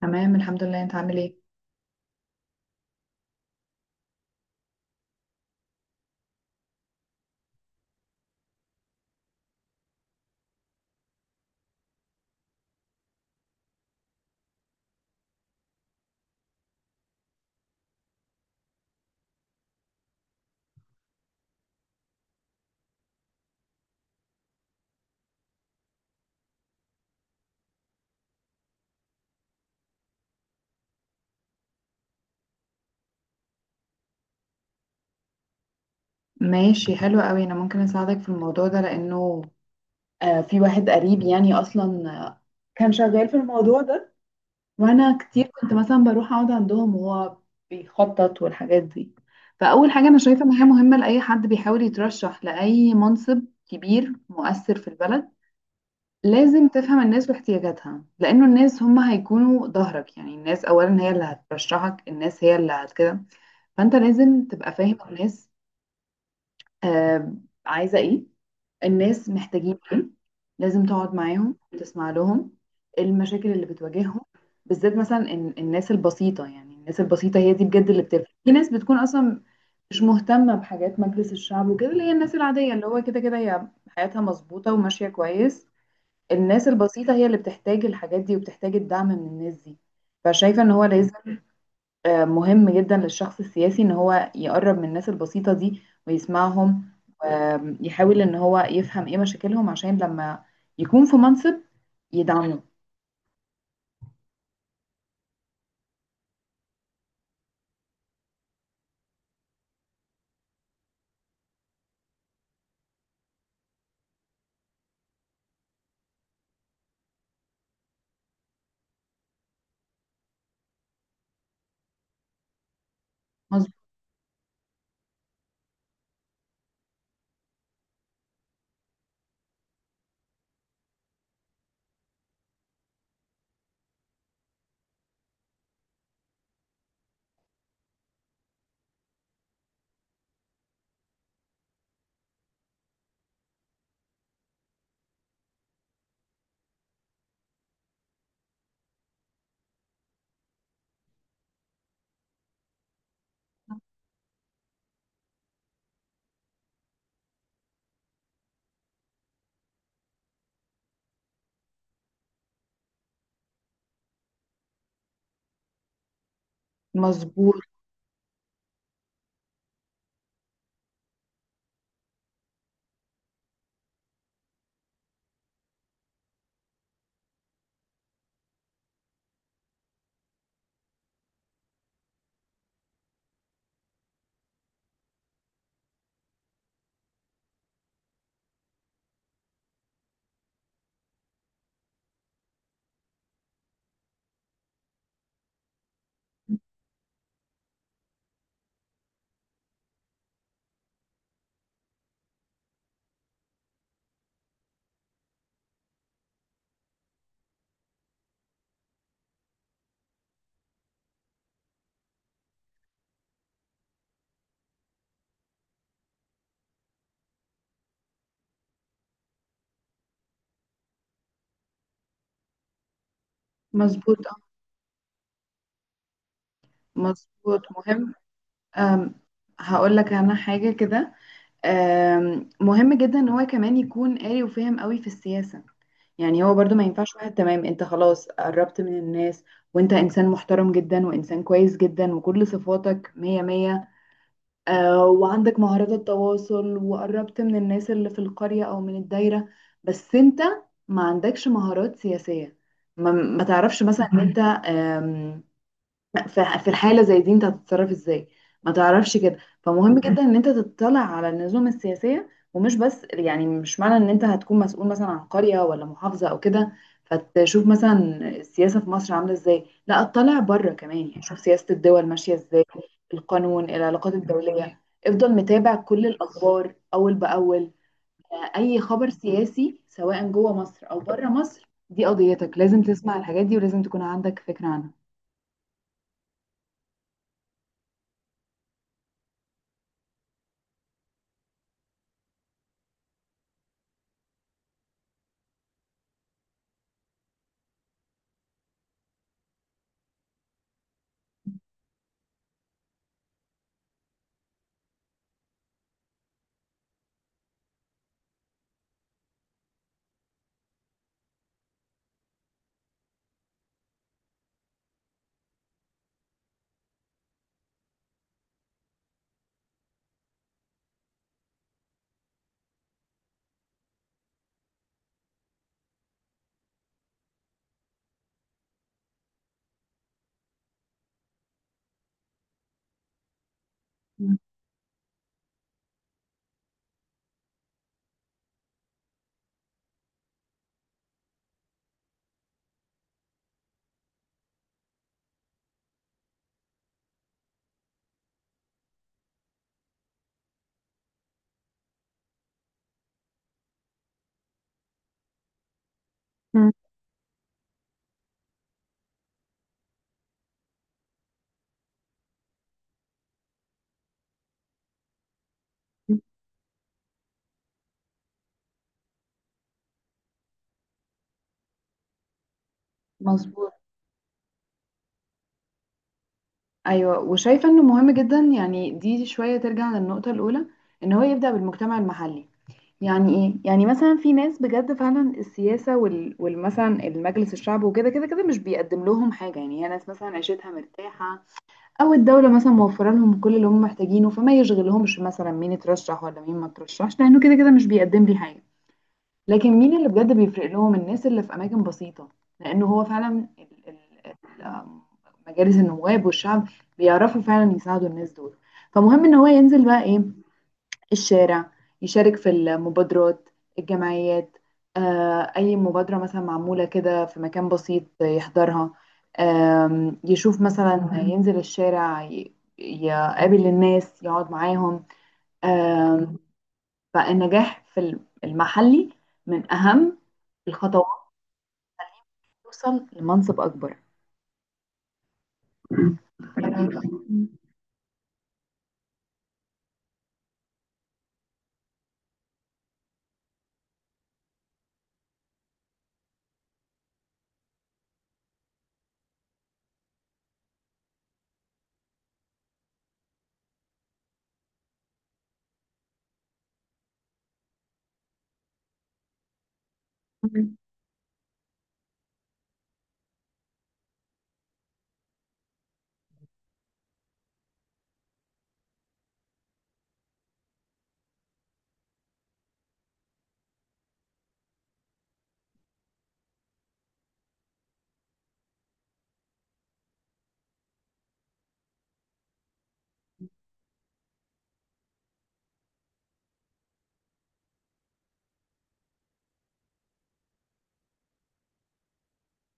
تمام الحمد لله، انت عامل ايه؟ ماشي، حلو قوي. انا ممكن اساعدك في الموضوع ده لانه في واحد قريب يعني اصلا كان شغال في الموضوع ده، وانا كتير كنت مثلا بروح اقعد عندهم وهو بيخطط والحاجات دي. فاول حاجه انا شايفه ان هي مهمه لاي حد بيحاول يترشح لاي منصب كبير مؤثر في البلد، لازم تفهم الناس واحتياجاتها، لانه الناس هم هيكونوا ظهرك. يعني الناس اولا هي اللي هترشحك، الناس هي اللي هت كده. فانت لازم تبقى فاهم الناس، آه، عايزة ايه، الناس محتاجين ايه. لازم تقعد معاهم وتسمع لهم المشاكل اللي بتواجههم، بالذات مثلا الناس البسيطة. يعني الناس البسيطة هي دي بجد اللي بتفرق، في ناس بتكون اصلا مش مهتمة بحاجات مجلس الشعب وكده، اللي هي الناس العادية اللي هو كده كده هي حياتها مظبوطة وماشية كويس. الناس البسيطة هي اللي بتحتاج الحاجات دي وبتحتاج الدعم من الناس دي. فشايفة ان هو لازم مهم جدا للشخص السياسي ان هو يقرب من الناس البسيطة دي ويسمعهم، ويحاول ان هو يفهم ايه مشاكلهم، عشان لما يكون في منصب يدعمه. مظ- مظبوط. مظبوط. مظبوط، مهم. آم، هقول لك انا حاجة كده. مهم جدا ان هو كمان يكون قاري وفاهم قوي في السياسة. يعني هو برضو ما ينفعش واحد تمام، انت خلاص قربت من الناس، وانت انسان محترم جدا وانسان كويس جدا وكل صفاتك مية مية، وعندك مهارات التواصل وقربت من الناس اللي في القرية أو من الدايرة، بس أنت ما عندكش مهارات سياسية. ما تعرفش مثلا إن أنت في الحالة زي دي انت هتتصرف ازاي، ما تعرفش كده. فمهم جدا ان انت تطلع على النظم السياسية، ومش بس، يعني مش معنى ان انت هتكون مسؤول مثلا عن قرية ولا محافظة او كده فتشوف مثلا السياسة في مصر عاملة ازاي، لا اطلع بره كمان. يعني شوف سياسة الدول ماشية ازاي، القانون، العلاقات الدولية. افضل متابع كل الاخبار اول باول. اي خبر سياسي سواء جوه مصر او بره مصر دي قضيتك، لازم تسمع الحاجات دي ولازم تكون عندك فكرة عنها. مظبوط. ايوه، وشايفه انه مهم جدا، يعني دي شويه ترجع للنقطه الاولى، ان هو يبدا بالمجتمع المحلي. يعني ايه؟ يعني مثلا في ناس بجد فعلا السياسه والمثلا المجلس الشعب وكده كده كده مش بيقدم لهم حاجه، يعني هي ناس مثلا عيشتها مرتاحه، او الدوله مثلا موفره لهم كل اللي هم محتاجينه، فما يشغلهمش مثلا مين اترشح ولا مين ما اترشحش لانه كده كده مش بيقدم لي حاجه. لكن مين اللي بجد بيفرق لهم؟ الناس اللي في اماكن بسيطه، لانه هو فعلا ال- مجالس النواب والشعب بيعرفوا فعلا يساعدوا الناس دول. فمهم ان هو ينزل بقى ايه، الشارع، يشارك في المبادرات، الجمعيات. آه اي مبادره مثلا معموله كده في مكان بسيط يحضرها. يشوف مثلا، ينزل الشارع يقابل الناس، يقعد معاهم. آم، فالنجاح في المحلي من أهم الخطوات توصل لمنصب أكبر.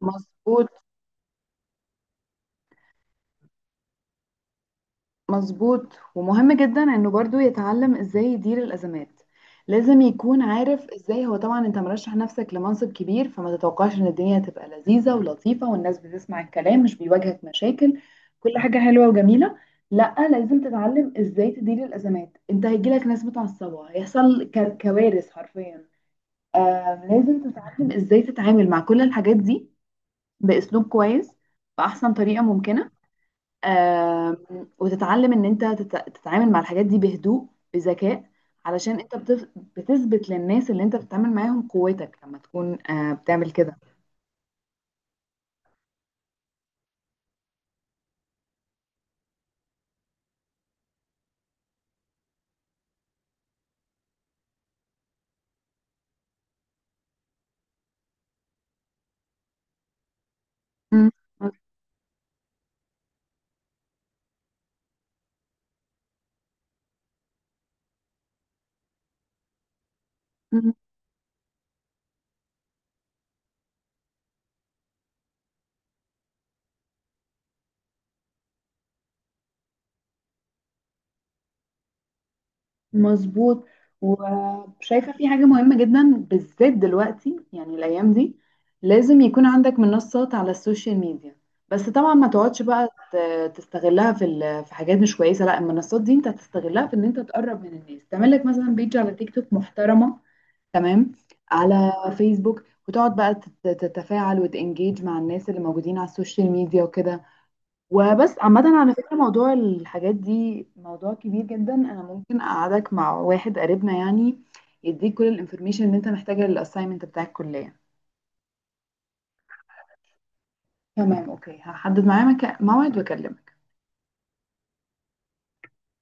مظبوط. مظبوط ومهم جدا انه برضو يتعلم ازاي يدير الازمات. لازم يكون عارف ازاي، هو طبعا انت مرشح نفسك لمنصب كبير، فما تتوقعش ان الدنيا هتبقى لذيذة ولطيفة والناس بتسمع الكلام مش بيواجهك مشاكل، كل حاجة حلوة وجميلة. لا، لازم تتعلم ازاي تدير الازمات. انت هيجيلك ناس متعصبة، هيحصل كوارث حرفيا. لازم تتعلم ازاي تتعامل مع كل الحاجات دي باسلوب كويس، باحسن طريقه ممكنه. آم، وتتعلم ان انت تتعامل مع الحاجات دي بهدوء، بذكاء، علشان انت بتثبت للناس اللي انت بتتعامل معاهم قوتك لما تكون بتعمل كده. مم. مظبوط. وشايفة في حاجة مهمة جدا، بالذات دلوقتي يعني الأيام دي، لازم يكون عندك منصات على السوشيال ميديا. بس طبعا ما تقعدش بقى تستغلها في في حاجات مش كويسة. لا، المنصات دي انت هتستغلها في ان انت تقرب من الناس، تعمل لك مثلا بيج على تيك توك محترمة، تمام، على فيسبوك، وتقعد بقى تتفاعل وتنجيج مع الناس اللي موجودين على السوشيال ميديا وكده. وبس، عامة على فكرة موضوع الحاجات دي موضوع كبير جدا، أنا ممكن أقعدك مع واحد قريبنا يعني يديك كل الانفورميشن اللي أنت محتاجها للأسايمنت بتاع الكلية. تمام، أوكي، هحدد معاه موعد وأكلمك.